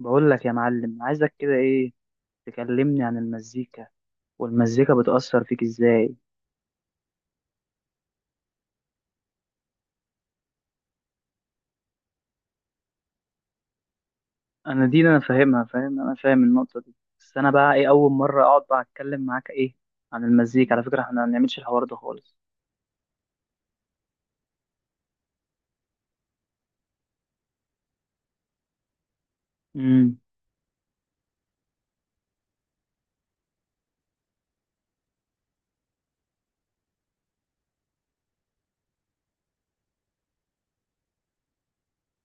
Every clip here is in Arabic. بقول لك يا معلم، عايزك كده ايه؟ تكلمني عن المزيكا والمزيكا بتأثر فيك ازاي. انا دي فاهمها، فاهم، انا فاهم النقطة دي، بس انا بقى ايه، اول مرة اقعد بقى اتكلم معاك ايه عن المزيكا. على فكرة احنا ما بنعملش الحوار ده خالص. امم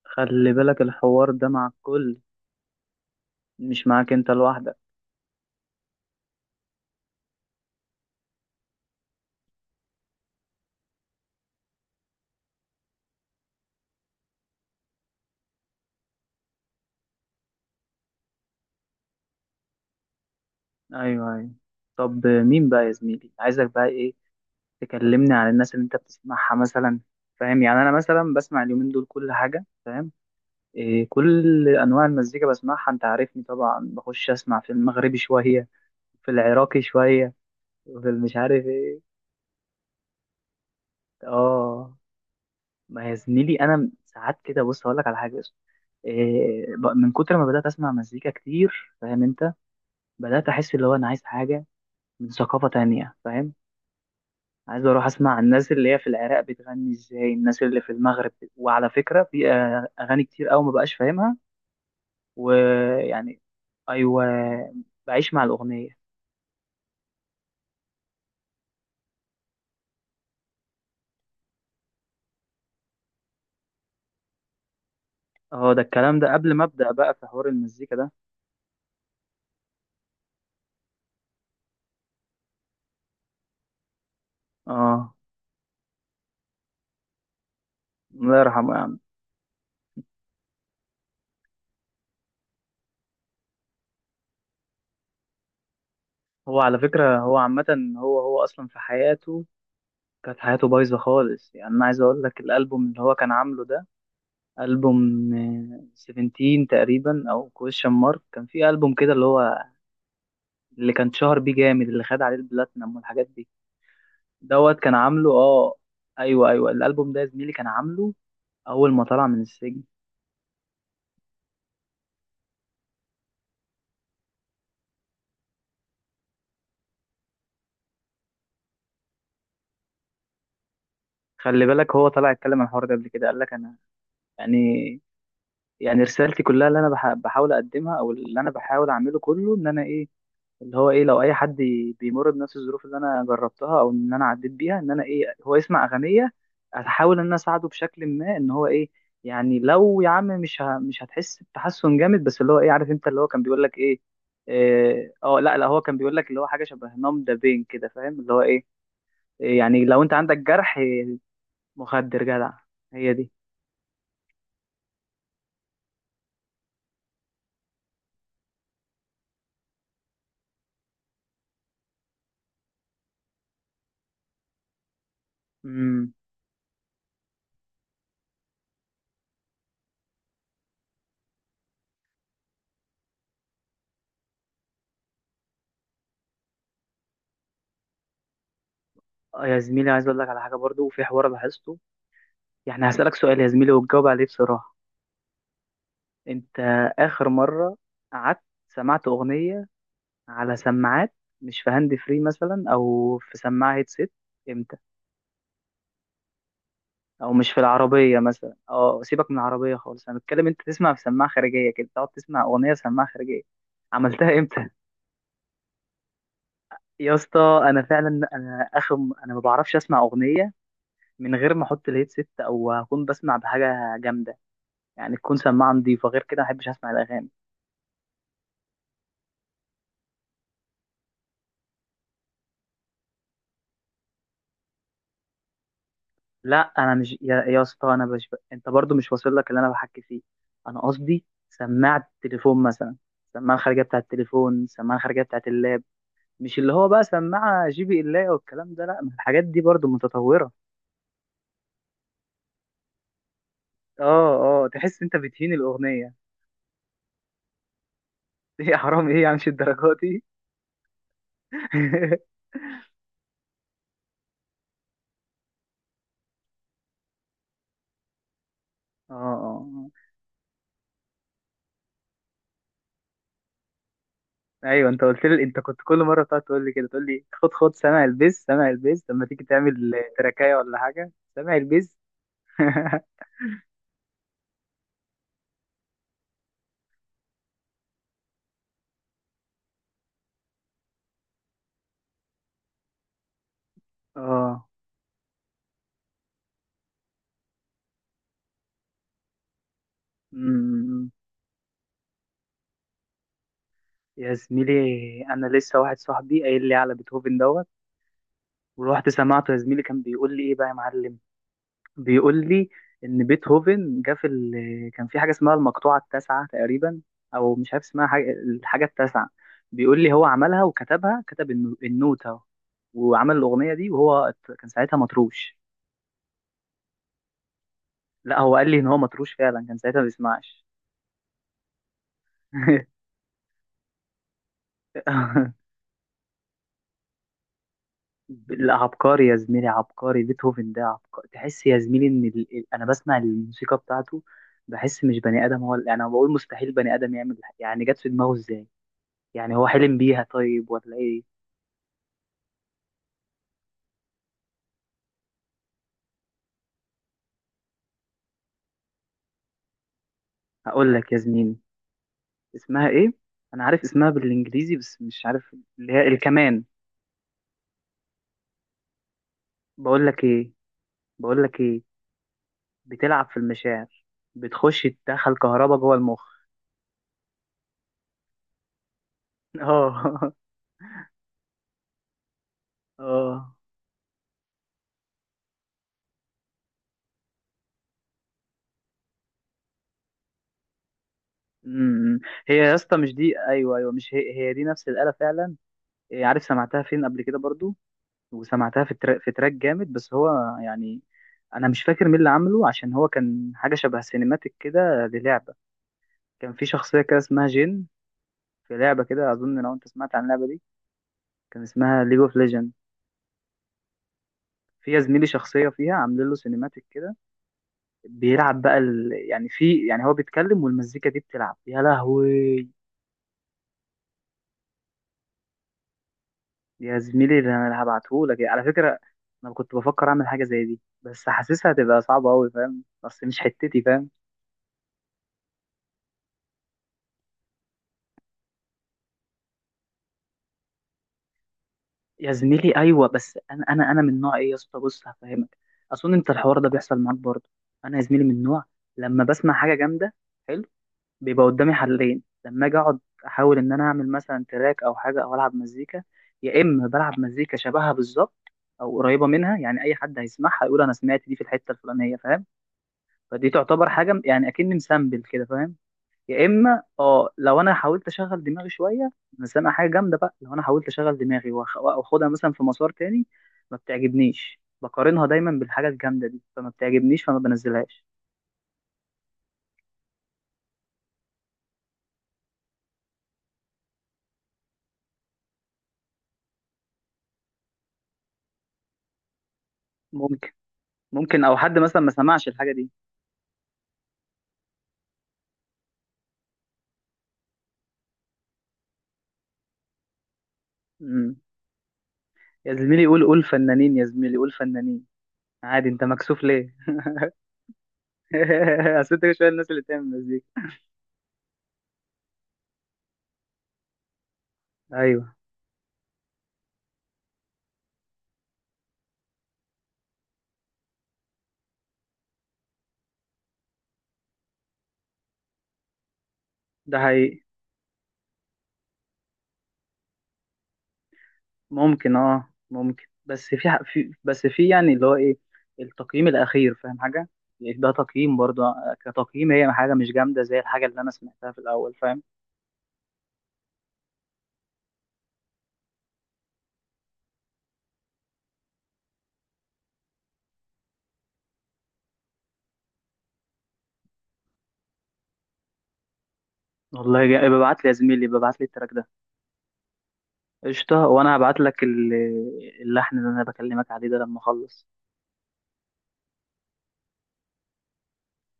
خلي بالك الحوار ده مع الكل، مش معاك انت لوحدك. ايوه ايوه. طب مين بقى يا زميلي، عايزك بقى ايه؟ تكلمني عن الناس اللي انت بتسمعها مثلا، فاهم؟ يعني انا مثلا بسمع اليومين دول كل حاجة، فاهم؟ كل انواع المزيكا بسمعها، انت عارفني طبعا، بخش اسمع في المغربي شويه، في العراقي شويه، في مش عارف ايه. اه. ما يا زميلي انا ساعات كده بص اقول لك على حاجه بس. من كتر ما بدات اسمع مزيكا كتير، فاهم انت؟ بدات احس اللي هو انا عايز حاجه من ثقافه تانية، فاهم؟ عايز اروح اسمع الناس اللي هي في العراق بتغني ازاي، الناس اللي في المغرب. وعلى فكره في اغاني كتير قوي ما بقاش فاهمها ويعني ايوه بعيش مع الاغنيه. هو ده الكلام ده، قبل ما ابدا بقى في حوار المزيكا ده. اه. الله يرحمه يا عم. هو على فكره هو عامه هو اصلا في حياته كانت حياته بايظه خالص. يعني انا عايز اقول لك، الالبوم اللي هو كان عامله ده، البوم 17 تقريبا، او كويشن مارك، كان في البوم كده اللي هو اللي كان شهر بيه جامد، اللي خد عليه البلاتنم والحاجات دي. دوت كان عامله، اه. ايوه ايوه، الالبوم ده يا زميلي كان عامله اول ما طلع من السجن. خلي بالك هو طلع اتكلم عن الحوار ده قبل كده، قال لك انا يعني، يعني رسالتي كلها اللي انا بحاول اقدمها، او اللي انا بحاول اعمله كله، ان انا ايه، اللي هو ايه، لو اي حد بيمر بنفس الظروف اللي انا جربتها او ان انا عديت بيها، ان انا ايه، هو يسمع اغنيه احاول ان انا اساعده بشكل ما ان هو ايه. يعني لو يا عم، مش هتحس بتحسن جامد، بس اللي هو ايه، عارف انت اللي هو كان بيقول لك ايه؟ اه لا هو كان بيقول لك اللي هو حاجه شبه نام ده بين كده، فاهم اللي هو ايه، يعني لو انت عندك جرح مخدر جدع. هي دي. امم يا زميلي عايز اقول لك على حاجه برضو، في حوار لاحظته. يعني هسألك سؤال يا زميلي، وتجاوب عليه بصراحة. انت آخر مرة قعدت سمعت أغنية على سماعات، مش في هاند فري مثلا أو في سماعة هيدسيت، امتى؟ أو مش في العربية مثلا، اه سيبك من العربية خالص، أنا بتكلم انت تسمع في سماعة خارجية كده، تقعد تسمع أغنية في سماعة خارجية، عملتها امتى؟ يا اسطى انا فعلا، انا اخر، انا ما بعرفش اسمع اغنيه من غير ما احط الهيدسيت او اكون بسمع بحاجه جامده، يعني تكون سماعه نضيفه، غير كده ما احبش اسمع الاغاني. لا انا مش يا, يا اسطى، انا مش ب... انت برضو مش واصل لك اللي انا بحكي فيه. انا قصدي سماعه التليفون مثلا، السماعه الخارجيه بتاعه التليفون، السماعه الخارجيه بتاعه اللاب، مش اللي هو بقى سماعه جي بي اللاب والكلام ده، لا، ما الحاجات دي برضو متطوره. اه اه، تحس انت بتهين الاغنيه. ايه يا حرام، ايه يا عم، مش الدرجات دي. اه ايوه انت قلت لي، انت كنت كل مره بتقعد تقول لي كده، تقول لي خد خد، سامع البيز؟ سامع البيز؟ لما تيجي تعمل تراكايه ولا حاجه، سامع البيز؟ اه يا زميلي، انا لسه واحد صاحبي قايل لي على بيتهوفن دوت، ورحت سمعته يا زميلي. كان بيقول لي ايه بقى يا معلم، بيقول لي ان بيتهوفن جه كان في حاجه اسمها المقطوعه التاسعه تقريبا، او مش عارف اسمها، حاجه الحاجه التاسعه. بيقول لي هو عملها وكتبها، كتب النوتة وعمل الاغنيه دي، وهو كان ساعتها مطروش. لا هو قال لي ان هو مطروش فعلا، كان ساعتها ما بيسمعش. لا عبقري يا زميلي، عبقري، بيتهوفن ده عبقري، تحس يا زميلي ان انا بسمع الموسيقى بتاعته، بحس مش بني ادم. انا بقول مستحيل بني ادم يعمل يعني جت في دماغه ازاي؟ يعني هو حلم بيها طيب ولا ايه؟ هقول لك يا زميلي، اسمها ايه، انا عارف اسمها بالانجليزي بس مش عارف اللي هي الكمان. بقول لك ايه، بقول لك ايه، بتلعب في المشاعر، بتخش تدخل كهربا جوه المخ. اه اه. أمم. إمم. هي يا اسطى مش دي، ايوه ايوه، مش هي، دي نفس الآلة فعلا. عارف سمعتها فين قبل كده برضو؟ وسمعتها في تراك، في تراك جامد، بس هو يعني انا مش فاكر مين اللي عامله، عشان هو كان حاجه شبه سينماتيك كده للعبه. كان في شخصيه كده اسمها جين، في لعبه كده، اظن لو انت سمعت عن اللعبه دي، كان اسمها ليج اوف ليجند. في يا زميلي شخصيه فيها عاملين له سينماتيك كده، بيلعب بقى يعني في يعني هو بيتكلم والمزيكا دي بتلعب، يا لهوي. يا زميلي ده انا هبعتهولك على فكره. انا كنت بفكر اعمل حاجه زي دي، بس حاسسها هتبقى صعبه قوي فاهم، بس مش حتتي فاهم. يا زميلي ايوه، بس انا من نوع ايه يا اسطى، بص هفهمك. اظن انت الحوار ده بيحصل معاك برضه. انا يا زميلي من نوع، لما بسمع حاجه جامده حلو، بيبقى قدامي حلين لما اجي اقعد احاول ان انا اعمل مثلا تراك او حاجه او العب مزيكا. يا اما بلعب مزيكا شبهها بالظبط او قريبه منها، يعني اي حد هيسمعها يقول انا سمعت دي في الحته الفلانيه، فاهم؟ فدي تعتبر حاجه يعني اكني مسامبل كده، فاهم؟ يا اما اه، لو انا حاولت اشغل دماغي شويه، بس انا سامع حاجه جامده بقى، لو انا حاولت اشغل دماغي واخدها مثلا في مسار تاني، ما بتعجبنيش، بقارنها دايما بالحاجه الجامده دي، فما بتعجبنيش فما بنزلهاش. ممكن، ممكن، او حد مثلا ما سمعش الحاجه دي. امم. يا زميلي قول، قول فنانين، يا زميلي قول فنانين، عادي، انت مكسوف ليه؟ اصل انت شويه الناس اللي بتعمل مزيكا. ايوه، ده حقيقي. ممكن اه ممكن، في بس في يعني اللي هو ايه، التقييم الاخير فاهم حاجه. يعني ده تقييم برضه كتقييم هي حاجه مش جامده زي الحاجه اللي انا سمعتها في الاول، فاهم؟ ببعت لي يا زميلي، ببعت لي التراك ده. قشطه، وانا هبعت لك اللحن اللي انا بكلمك عليه ده لما اخلص.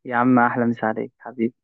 يا عم احلى مسا عليك حبيبي.